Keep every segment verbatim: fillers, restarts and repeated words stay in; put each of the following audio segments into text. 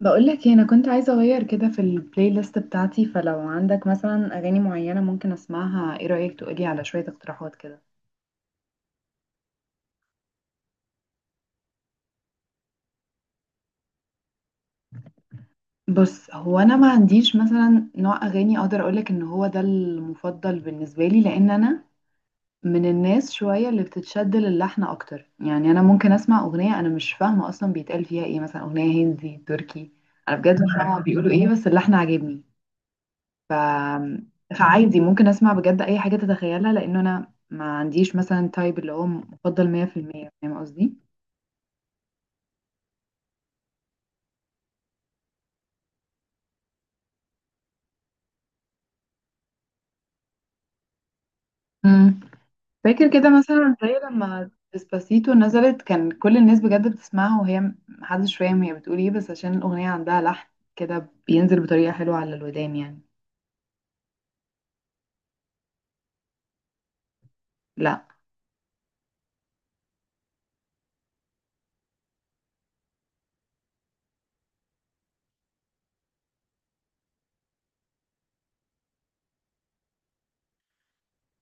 بقول لك انا كنت عايزه اغير كده في البلاي ليست بتاعتي، فلو عندك مثلا اغاني معينه ممكن اسمعها. ايه رايك تقولي على شويه اقتراحات كده. بص هو انا ما عنديش مثلا نوع اغاني اقدر اقولك ان هو ده المفضل بالنسبه لي، لان انا من الناس شويه اللي بتتشد للحن اكتر. يعني انا ممكن اسمع اغنيه انا مش فاهمه اصلا بيتقال فيها ايه، مثلا اغنيه هندي تركي. انا بجد مش فاهمه هما بيقولوا ايه بس اللحن عاجبني. ف... فعادي ممكن اسمع بجد اي حاجة تتخيلها، لانه انا ما عنديش مثلا تايب اللي هو مفضل مية بالمية فاهم قصدي. مم. فاكر كده مثلا زي لما ديسباسيتو نزلت كان كل الناس بجد بتسمعها وهي محدش فاهم هي بتقول ايه، بس عشان الاغنية عندها لحن كده بينزل بطريقة حلوة على الودان يعني. لا.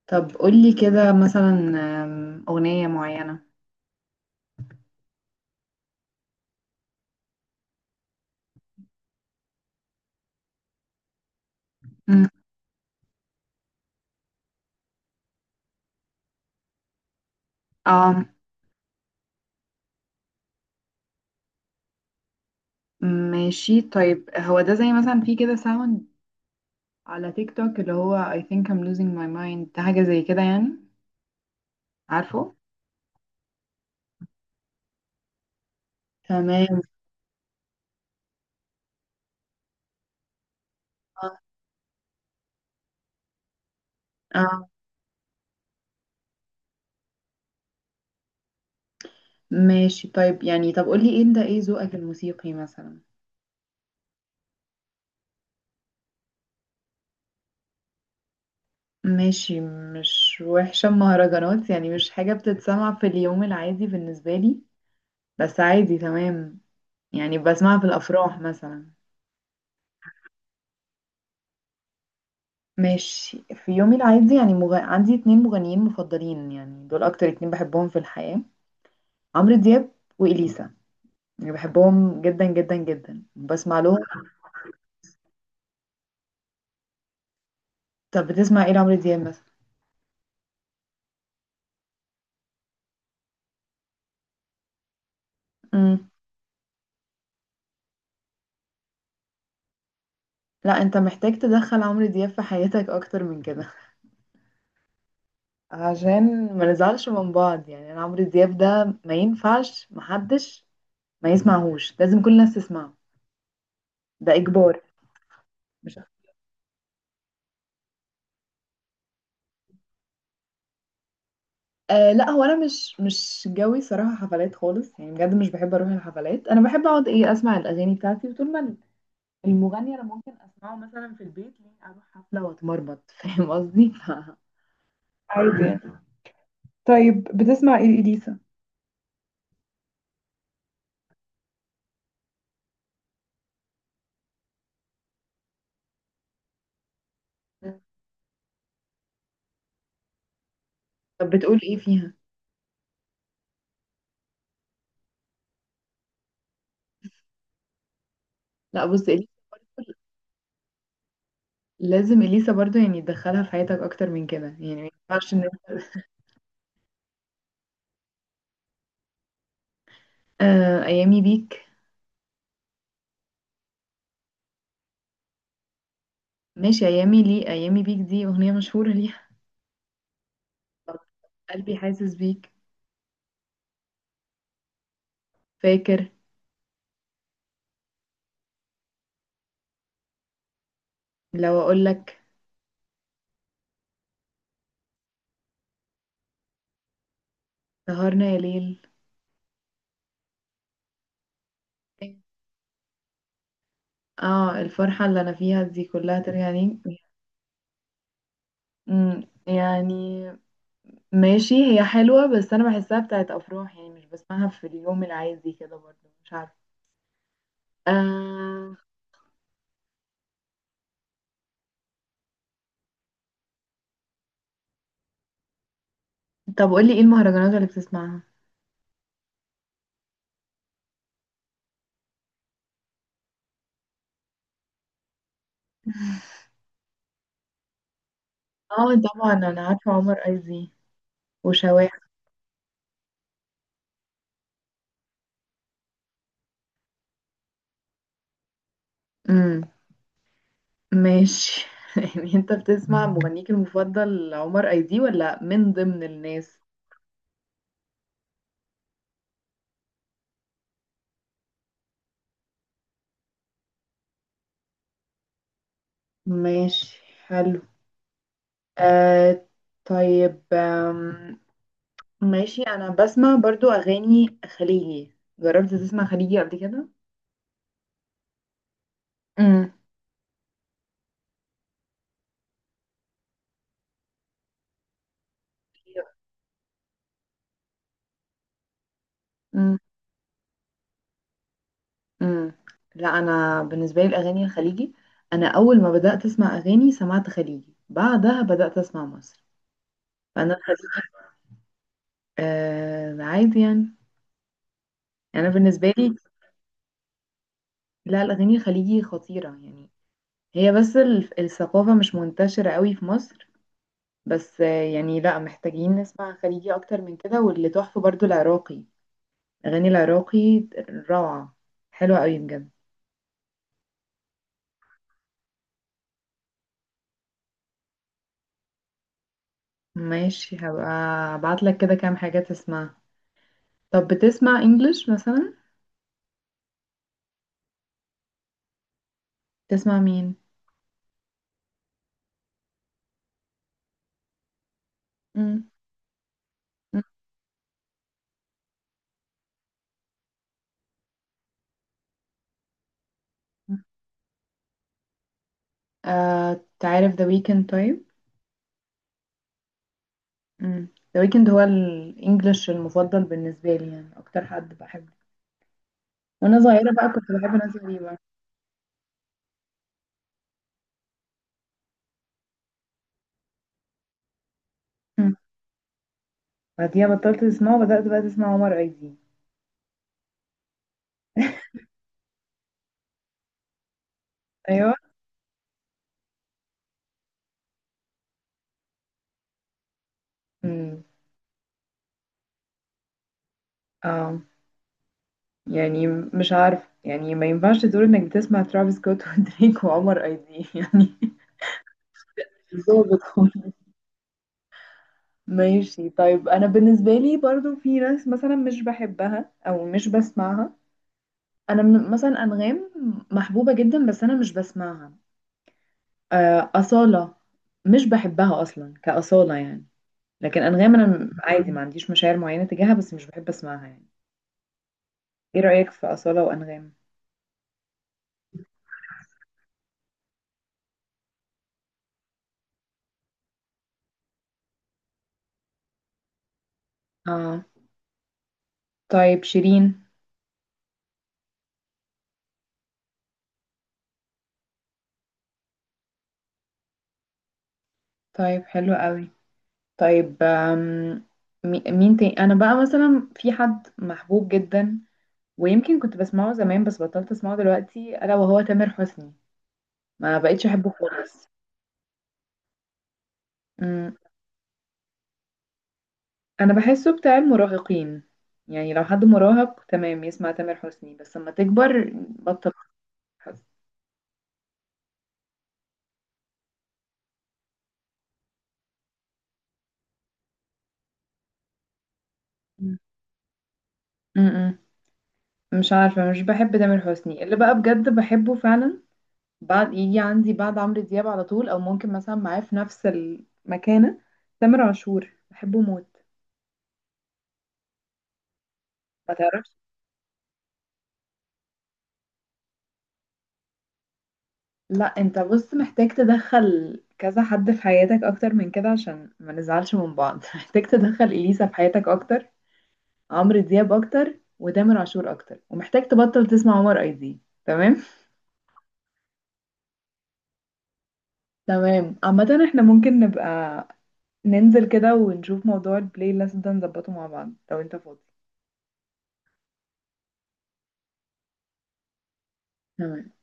طب قولي كده مثلا آم، أغنية معينة. مم. اه، ماشي. طيب هو ده زي مثلا في كده ساوند على تيك توك اللي هو I think I'm losing my mind، ده حاجة زي كده يعني، عارفه. تمام. اه. آه. ماشي طيب، يعني طب قولي ايه ده، ايه ذوقك الموسيقي مثلا. ماشي، مش وحشة مهرجانات، يعني مش حاجة بتتسمع في اليوم العادي بالنسبة لي، بس عادي تمام. يعني بسمعها في الأفراح مثلا. ماشي، في يومي العادي يعني مغ... عندي اتنين مغنيين مفضلين، يعني دول أكتر اتنين بحبهم في الحياة: عمرو دياب وإليسا. يعني بحبهم جدا جدا جدا، بسمع لهم. طب بتسمع ايه لعمرو دياب مثلا. امم. لا، انت محتاج تدخل عمرو دياب في حياتك اكتر من كده. عشان ما نزعلش من بعض، يعني انا عمرو دياب ده ما ينفعش محدش ما يسمعهوش، لازم كل الناس تسمعه، ده اجبار. مش آه. لا، هو انا مش مش جوي صراحه حفلات خالص، يعني بجد مش بحب اروح الحفلات. انا بحب اقعد ايه اسمع الاغاني بتاعتي، وطول ما المغني انا ممكن اسمعه مثلا في البيت ليه اروح حفله واتمرمط. فاهم قصدي. ف... عادي يعني. طيب بتسمع ايه لإليسا. طب بتقول ايه فيها. لا بص إليسا لازم اليسا برضو يعني تدخلها في حياتك اكتر من كده، يعني ما ينفعش ان. آه، ايامي بيك. ماشي، ايامي ليه، ايامي بيك دي اغنيه مشهوره ليها. طب قلبي حاسس بيك، فاكر. لو اقول لك سهرنا يا ليل. اه. الفرحه اللي انا فيها دي كلها ترجع لي. أمم، يعني ماشي هي حلوه، بس انا بحسها بتاعت افراح، يعني مش بسمعها في اليوم العادي كده، برضو مش عارفه. آه. طب قولي ايه المهرجانات اللي بتسمعها. اه طبعا، انا عارفه عمر ايزي وشواح. امم. ماشي. يعني انت بتسمع مغنيك المفضل عمر ايزي، ولا من ضمن الناس. ماشي حلو. آه. طيب. آم، ماشي انا بسمع برضو اغاني خليجي. جربت تسمع خليجي قبل كده؟ امم. امم. امم. لا انا بالنسبه لي الاغاني الخليجي، انا اول ما بدات اسمع اغاني سمعت خليجي، بعدها بدات اسمع مصر. فانا الخليجي آه عادي يعني، انا بالنسبه لي. لا، الاغاني الخليجي خطيره يعني. هي بس ال- الثقافه مش منتشره قوي في مصر. بس آه يعني لا، محتاجين نسمع خليجي اكتر من كده. واللي تحفه برضو العراقي، اغاني العراقي روعه، حلوه قوي بجد. ماشي، هبقى ابعت لك كده كام حاجه تسمعها. طب بتسمع انجلش مثلا؟ تسمع مين؟ امم. آه تعرف ذا ويكند؟ طيب. امم. ذا ويكند هو الانجليش المفضل بالنسبه لي، يعني اكتر حد بحبه. وانا صغيره بقى كنت بحب ناس غريبه. مم. بعديها بطلت اسمعه وبدات بقى اسمع عمر ايدي. ايوه. امم. اه. يعني مش عارف، يعني ما ينفعش تقول انك بتسمع ترافيس سكوت ودريك وعمر ايدي يعني. ظابط خالص. ماشي طيب، انا بالنسبه لي برضو في ناس مثلا مش بحبها او مش بسمعها. انا من مثلا انغام، محبوبه جدا بس انا مش بسمعها. آه، أصالة مش بحبها أصلا كأصالة يعني. لكن أنغام أنا عادي ما عنديش مشاعر معينة تجاهها، بس مش بحب أسمعها يعني. إيه رأيك في أصالة وأنغام؟ آه. طيب شيرين. طيب حلو قوي. طيب. آم، مي- مين تاني. أنا بقى مثلا في حد محبوب جدا ويمكن كنت بسمعه زمان بس بطلت أسمعه دلوقتي، ألا وهو تامر حسني. ما بقيتش أحبه خالص. انا بحسه بتاع المراهقين، يعني لو حد مراهق تمام يسمع تامر حسني، بس لما تكبر بطل تامر حسني. م-م. مش عارفه، مش بحب تامر حسني. اللي بقى بجد بحبه فعلا بعد، يجي عندي بعد عمرو دياب على طول، او ممكن مثلا معاه في نفس المكانه، تامر عاشور. بحبه موت. ما تعرفش. لا انت بص، محتاج تدخل كذا حد في حياتك اكتر من كده عشان ما نزعلش من بعض. محتاج تدخل اليسا في حياتك اكتر، عمرو دياب اكتر، وتامر عاشور اكتر، ومحتاج تبطل تسمع عمر اي دي. تمام. تمام. عامة احنا ممكن نبقى ننزل كده ونشوف موضوع البلاي ليست ده نظبطه مع بعض لو انت فاضي. تمام.